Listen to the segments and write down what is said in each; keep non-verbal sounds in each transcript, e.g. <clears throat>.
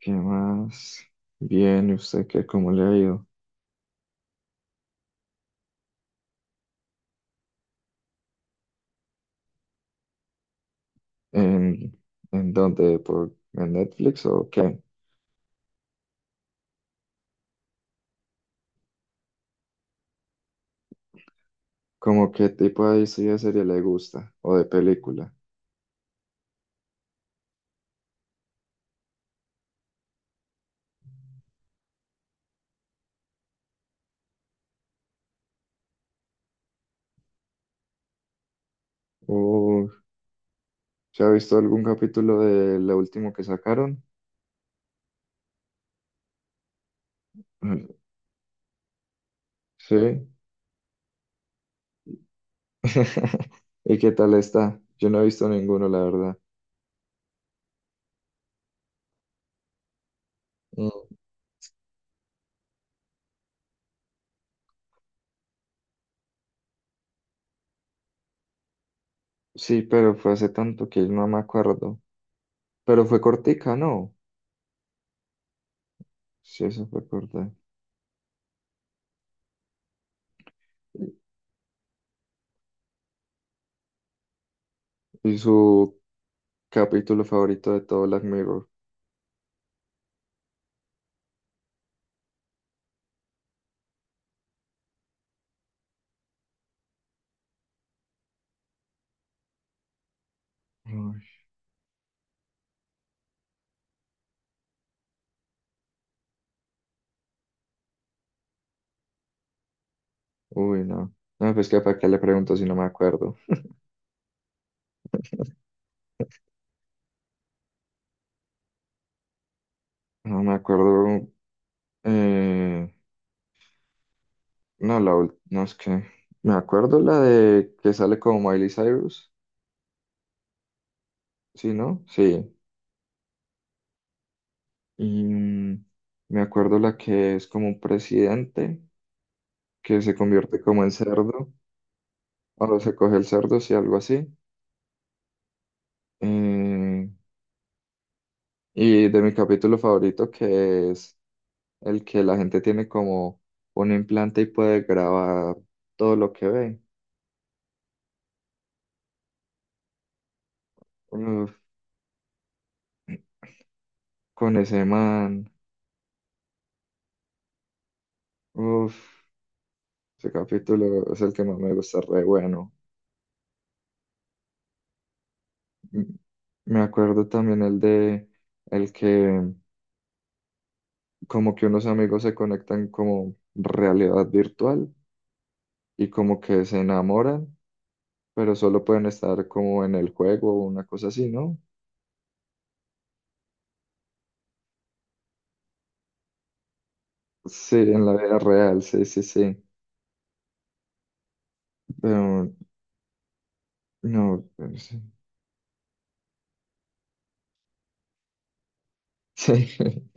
¿Qué más? Bien, ¿y usted qué? ¿Cómo le ha ido? ¿En, en dónde? ¿En Netflix o qué? ¿Cómo qué tipo de historia de serie le gusta? ¿O de película? ¿O se ha visto algún capítulo de lo último que sacaron? Mm. Sí. <laughs> ¿Y qué tal está? Yo no he visto ninguno, la verdad. Mm. Sí, pero fue hace tanto que no me acuerdo. Pero fue cortica, ¿no? Sí, eso fue corta. ¿Y y su capítulo favorito de todo Black Mirror? Uy, uy, no. No, pues que para qué le pregunto si no me acuerdo. No me acuerdo. eh, no, no es que. Me acuerdo la de que sale como Miley Cyrus. Sí, ¿no? Sí. Y mm, me acuerdo la que es como un presidente que se convierte como en cerdo. O se coge el cerdo, sí, algo así. Eh, y de mi capítulo favorito, que es el que la gente tiene como un implante y puede grabar todo lo que ve. Uf, con ese man. Uf, ese capítulo es el que más me gusta, re bueno. M- Me acuerdo también el de el que como que unos amigos se conectan como realidad virtual y como que se enamoran, pero solo pueden estar como en el juego o una cosa así, ¿no? Sí, en la vida real, sí, sí, sí. Pero, no, pero sí. Sí, <laughs>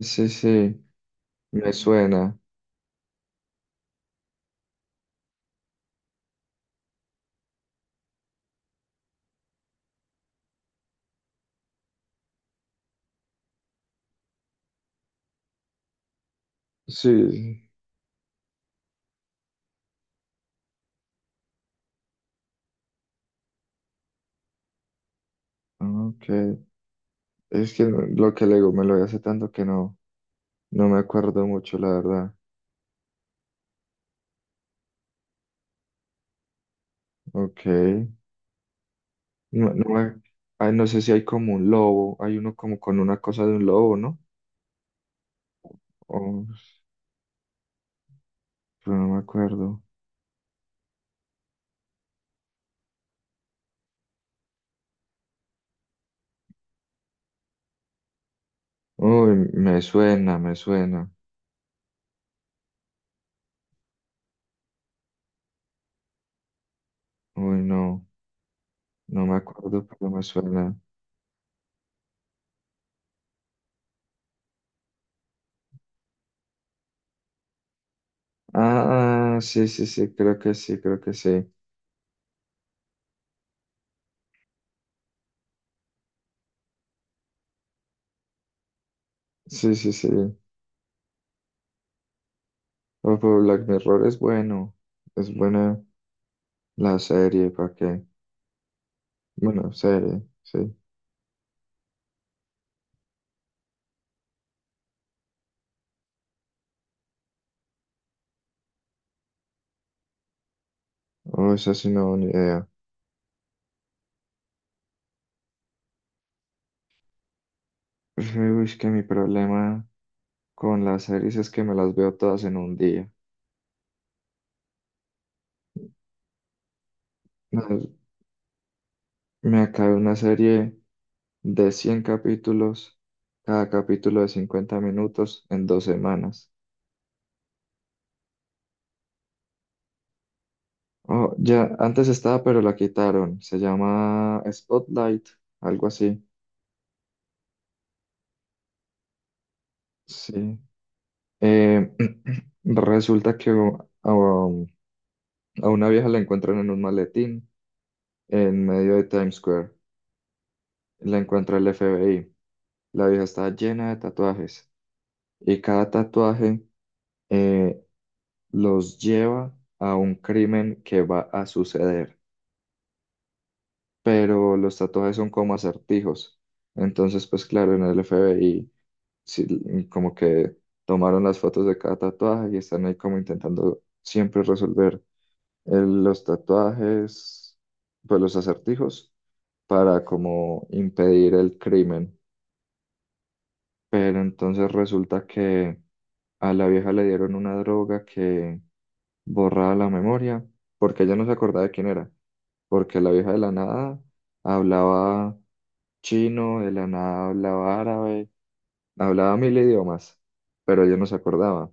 sí, sí, me suena. Sí, sí. Ok. Es que lo que le digo, me lo vi hace tanto que no, no me acuerdo mucho, la verdad. Ok. No, no me- ay, no sé si hay como un lobo, hay uno como con una cosa de un lobo, ¿no? Oh, pero no me acuerdo. Uy, me suena, me suena. Uy, no, no me acuerdo, pero me suena. Ah, ah, sí, sí, sí, creo que sí, creo que sí. Sí, sí, sí. Oh, pero Black Mirror es bueno. Es buena la serie, ¿para qué? Bueno, serie, sí. Oh, esa sí no, ni idea. Pues, uy, es que mi problema con las series es que me las veo todas en un día. No, me acabé una serie de 100 capítulos, cada capítulo de 50 minutos en dos semanas. Oh, ya, antes estaba, pero la quitaron. Se llama Spotlight, algo así. Sí. Eh, <clears throat> resulta que a una vieja la encuentran en un maletín en medio de Times Square. La encuentra el FBI. La vieja está llena de tatuajes. Y cada tatuaje eh, los lleva a un crimen que va a suceder. Pero los tatuajes son como acertijos. Entonces, pues claro, en el FBI sí, como que tomaron las fotos de cada tatuaje y están ahí como intentando siempre resolver los tatuajes, pues los acertijos, para como impedir el crimen. Pero entonces resulta que a la vieja le dieron una droga que borrada la memoria, porque ella no se acordaba de quién era, porque la vieja de la nada hablaba chino, de la nada hablaba árabe, hablaba mil idiomas, pero ella no se acordaba.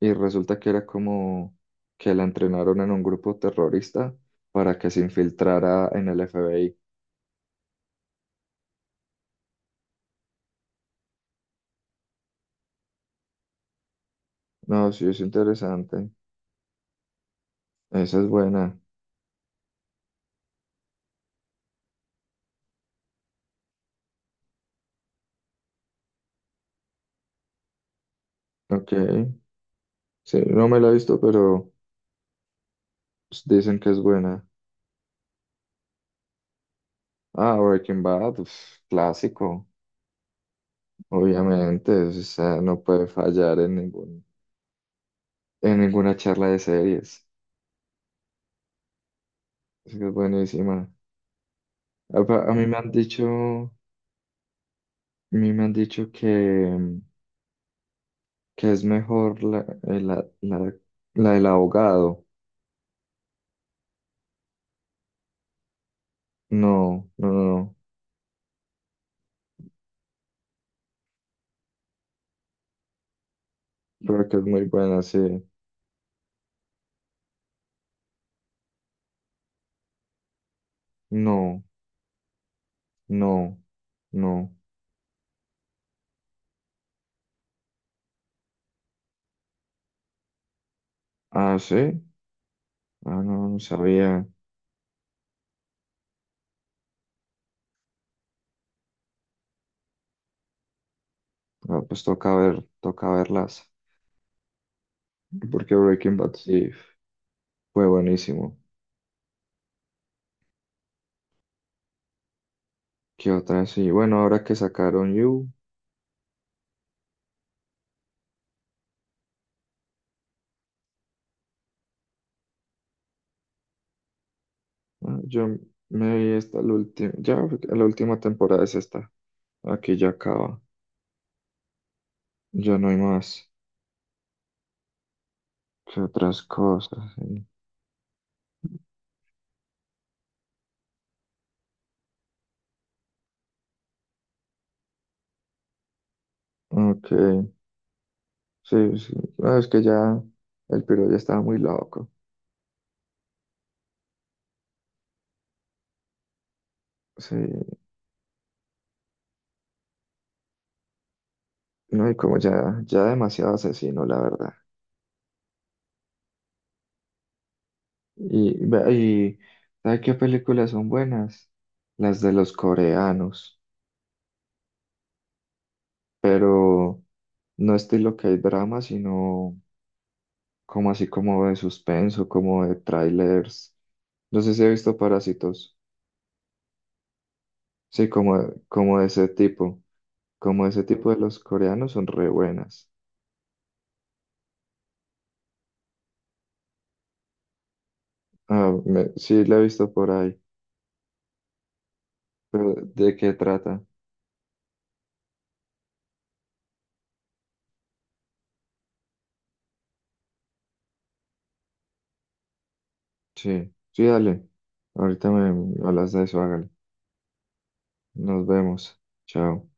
Y resulta que era como que la entrenaron en un grupo terrorista para que se infiltrara en el FBI. No, sí, es interesante. Esa es buena. Ok. Sí, no me la he visto, pero pues, dicen que es buena. Ah, Breaking Bad, uf, clásico. Obviamente, o sea, no puede fallar en ningún, en ninguna charla de series. Es que es buenísima. A, pa- a mí me han dicho, a mí me han dicho que, mm, que es mejor la del abogado. No, no, no, no. Pero que es muy buena, sí. No, no, no. Ah, sí. Ah, no, no sabía. Ah, pues toca ver, toca verlas. Porque Breaking Bad sí fue buenísimo. ¿Qué otra? Sí, bueno, ahora que sacaron You, ¿no? Yo me vi hasta la última, ya la última temporada es esta, aquí ya acaba, ya no hay más. ¿Qué otras cosas? Sí. Ok, sí, sí, no, es que ya el piro ya estaba muy loco, sí, no, y como ya, ya demasiado asesino, la verdad. Y, ve- y ¿sabes qué películas son buenas? Las de los coreanos, pero no estilo que hay drama, sino como así como de suspenso, como de trailers. No sé si he visto Parásitos. Sí, como de ese tipo. Como ese tipo de los coreanos son re buenas. Ah, me- sí, la he visto por ahí. Pero ¿de qué trata? Sí, sí, dale. Ahorita me hablas de eso, hágale. Nos vemos. Chao.